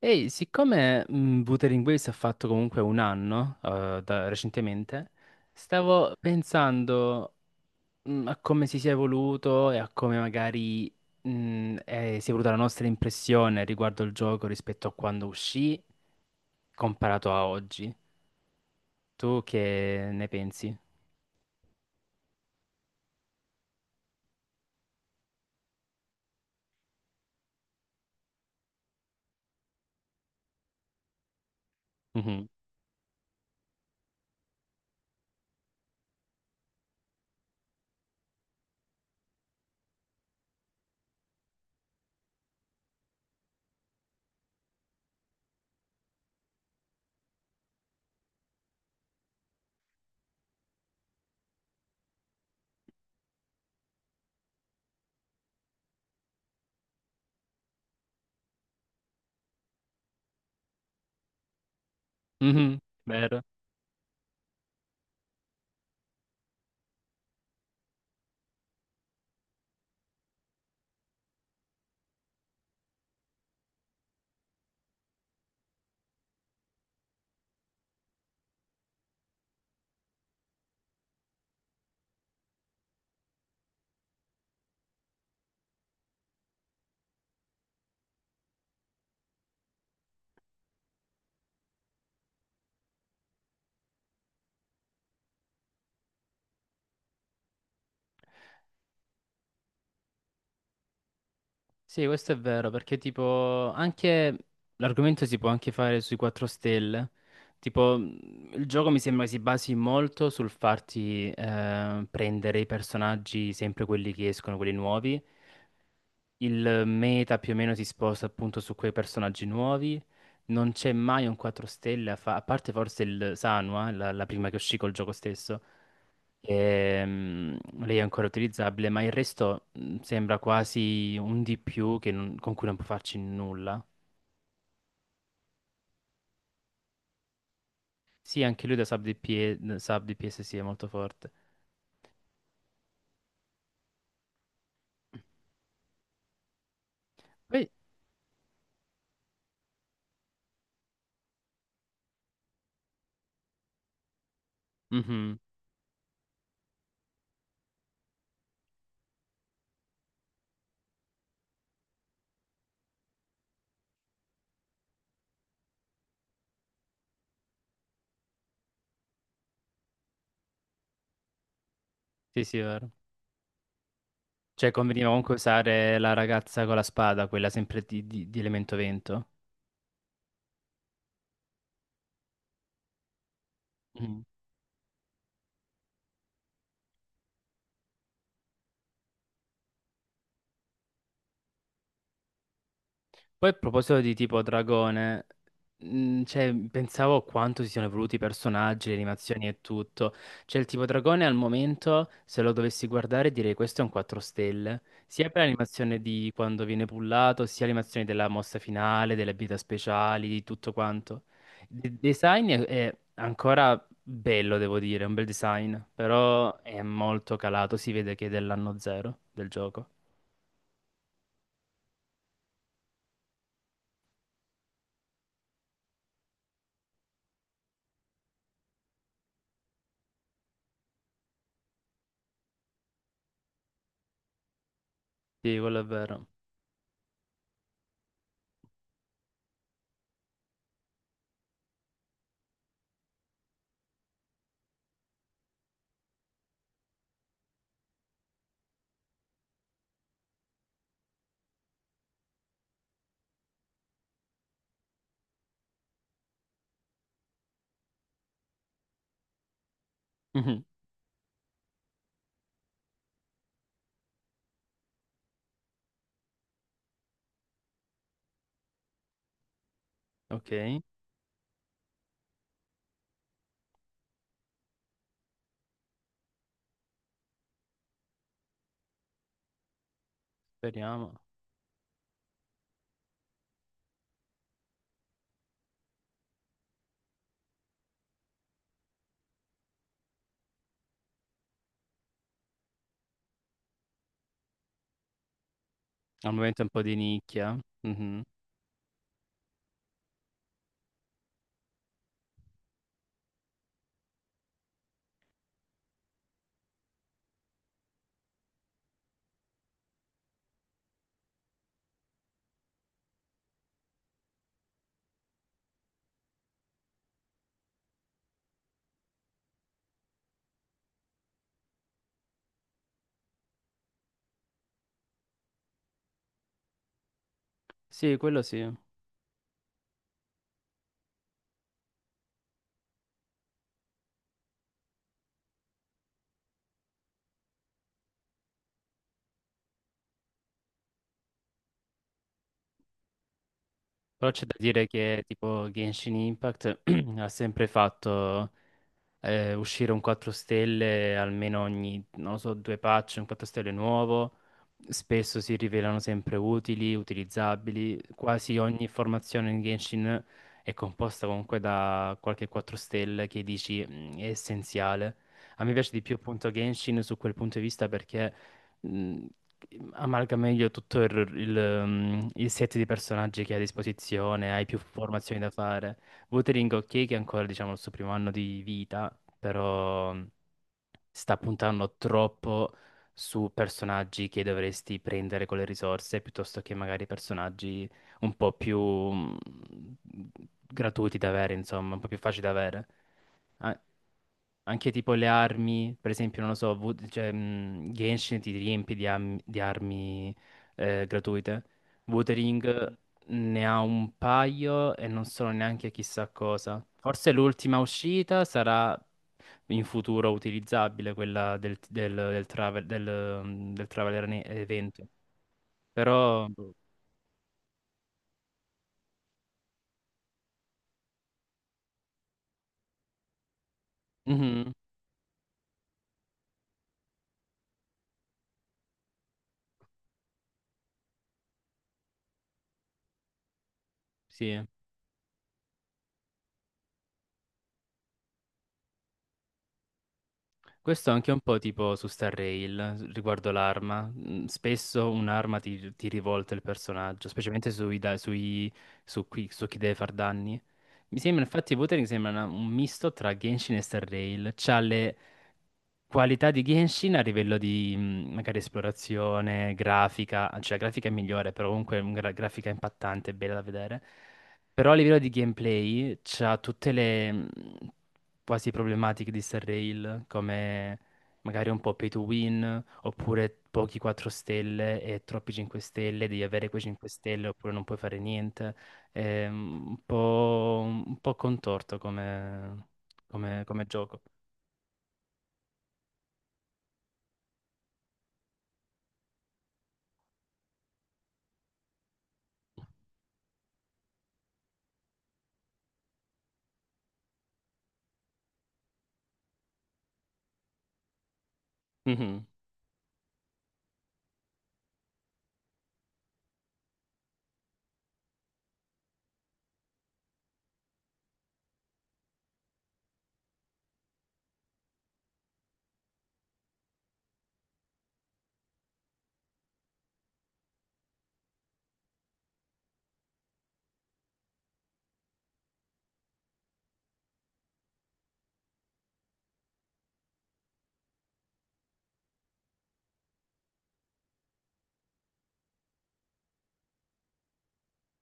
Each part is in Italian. Ehi, siccome Wuthering Waves ha fatto comunque un anno recentemente, stavo pensando a come si sia evoluto e a come magari si è evoluta la nostra impressione riguardo il gioco rispetto a quando uscì comparato a oggi. Tu che ne pensi? Mhm. Mhm. Vero? Sì, questo è vero, perché tipo anche l'argomento si può anche fare sui 4 stelle. Tipo, il gioco mi sembra si basi molto sul farti prendere i personaggi, sempre quelli che escono, quelli nuovi. Il meta più o meno si sposta appunto su quei personaggi nuovi. Non c'è mai un 4 stelle, a parte forse il Sanwa, la prima che uscì col gioco stesso. Ehm, lei è ancora utilizzabile, ma il resto sembra quasi un di più che con cui non può farci nulla. Sì, anche lui da sub DPS, sub DPS sì, è molto forte. Poi- Mhm. Sì, sì, è vero. Cioè, conveniva comunque usare la ragazza con la spada, quella sempre di elemento vento. Mm. Poi a proposito di tipo dragone, cioè, pensavo a quanto si siano evoluti i personaggi, le animazioni e tutto. Cioè, il tipo dragone al momento, se lo dovessi guardare, direi questo è un 4 stelle. Sia per l'animazione di quando viene pullato, sia l'animazione della mossa finale, delle abilità speciali, di tutto quanto. Il design è ancora bello, devo dire, è un bel design, però è molto calato, si vede che è dell'anno zero del gioco. Sì, quello è vero. Mhm. Ok, speriamo. Al momento è un po' di nicchia. Mhm. Sì, quello sì. Però c'è da dire che tipo Genshin Impact ha sempre fatto uscire un 4 stelle almeno ogni, non lo so, due patch, un 4 stelle nuovo. Spesso si rivelano sempre utili, utilizzabili. Quasi ogni formazione in Genshin è composta comunque da qualche 4 stelle che dici "Mm, è essenziale." A me piace di più appunto Genshin su quel punto di vista perché mh, amalga meglio tutto il set di personaggi che hai a disposizione, hai più formazioni da fare. Wuthering ok che è ancora diciamo il suo primo anno di vita, però sta puntando troppo su personaggi che dovresti prendere con le risorse piuttosto che magari personaggi un po' più gratuiti da avere, insomma, un po' più facili da avere. A- Anche tipo le armi, per esempio, non lo so, Genshin ti riempie di armi gratuite. Wuthering ne ha un paio e non sono neanche chissà cosa. Forse l'ultima uscita sarà in futuro utilizzabile, quella del travel, del Traveler evento. Però, Mhm, sì. Questo è anche un po' tipo su Star Rail riguardo l'arma. Spesso un'arma ti rivolta il personaggio, specialmente sui, da- sui- su, qui- su chi deve far danni. Mi sembra, infatti, Wuthering sembra un misto tra Genshin e Star Rail. C'ha le qualità di Genshin a livello di magari esplorazione, grafica, cioè la grafica è migliore, però comunque è una grafica impattante, bella da vedere. Però a livello di gameplay c'ha tutte le quasi problematiche di Star Rail, come magari un po' pay to win, oppure pochi 4 stelle e troppi 5 stelle, devi avere quei 5 stelle oppure non puoi fare niente. È un po' contorto come, come gioco. Mhm,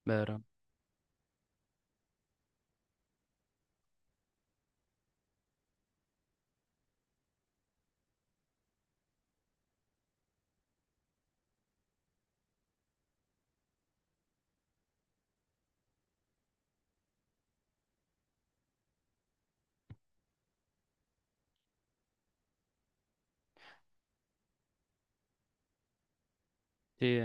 vero. Sì,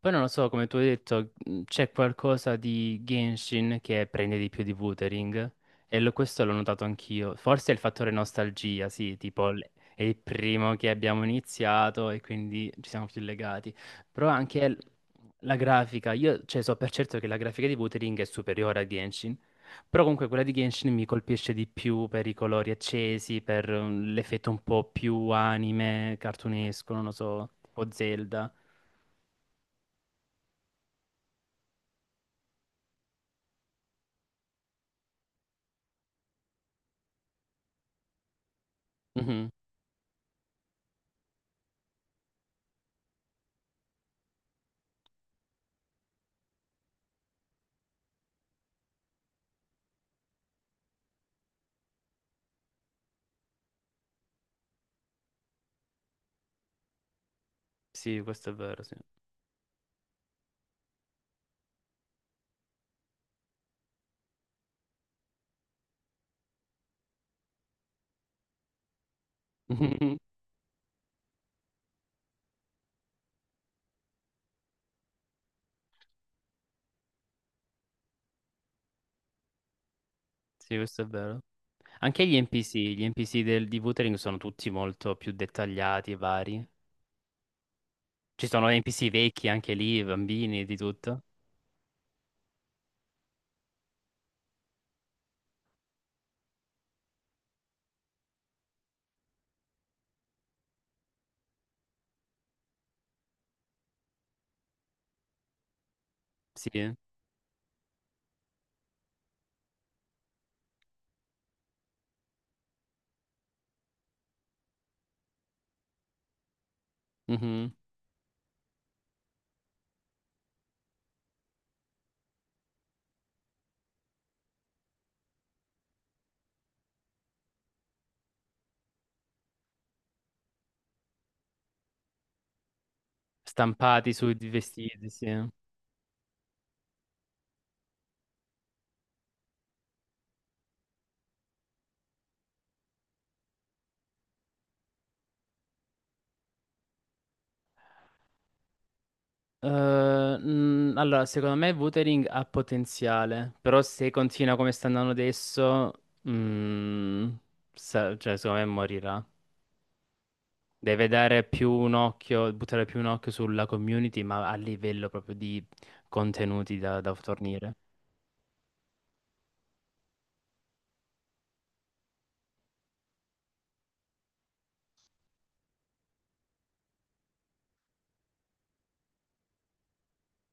poi non lo so, come tu hai detto, c'è qualcosa di Genshin che prende di più di Wuthering e questo l'ho notato anch'io. Forse è il fattore nostalgia, sì, è il primo che abbiamo iniziato e quindi ci siamo più legati. Però la grafica, io cioè, so per certo che la grafica di Wuthering è superiore a Genshin, però comunque quella di Genshin mi colpisce di più per i colori accesi, per l'effetto un po' più anime, cartunesco, non lo so, tipo Zelda. Sì, questo è vero, sì. Sì, questo è vero. Anche gli NPC, gli NPC di Wuthering sono tutti molto più dettagliati e vari. Ci sono NPC vecchi anche lì, bambini, di tutto. Sì. Mhm. Stampati sui vestiti, sì. Allora, secondo me Wuthering ha potenziale, però se continua come sta andando adesso, mm, cioè, secondo me morirà. Deve dare più un occhio, buttare più un occhio sulla community, ma a livello proprio di contenuti da fornire.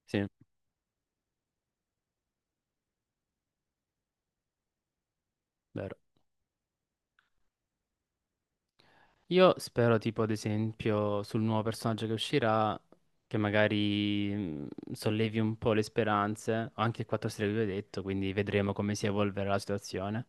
Sì, vero. Io spero, tipo, ad esempio, sul nuovo personaggio che uscirà, che magari sollevi un po' le speranze. Ho anche il 4 stelle che vi ho detto, quindi vedremo come si evolverà la situazione.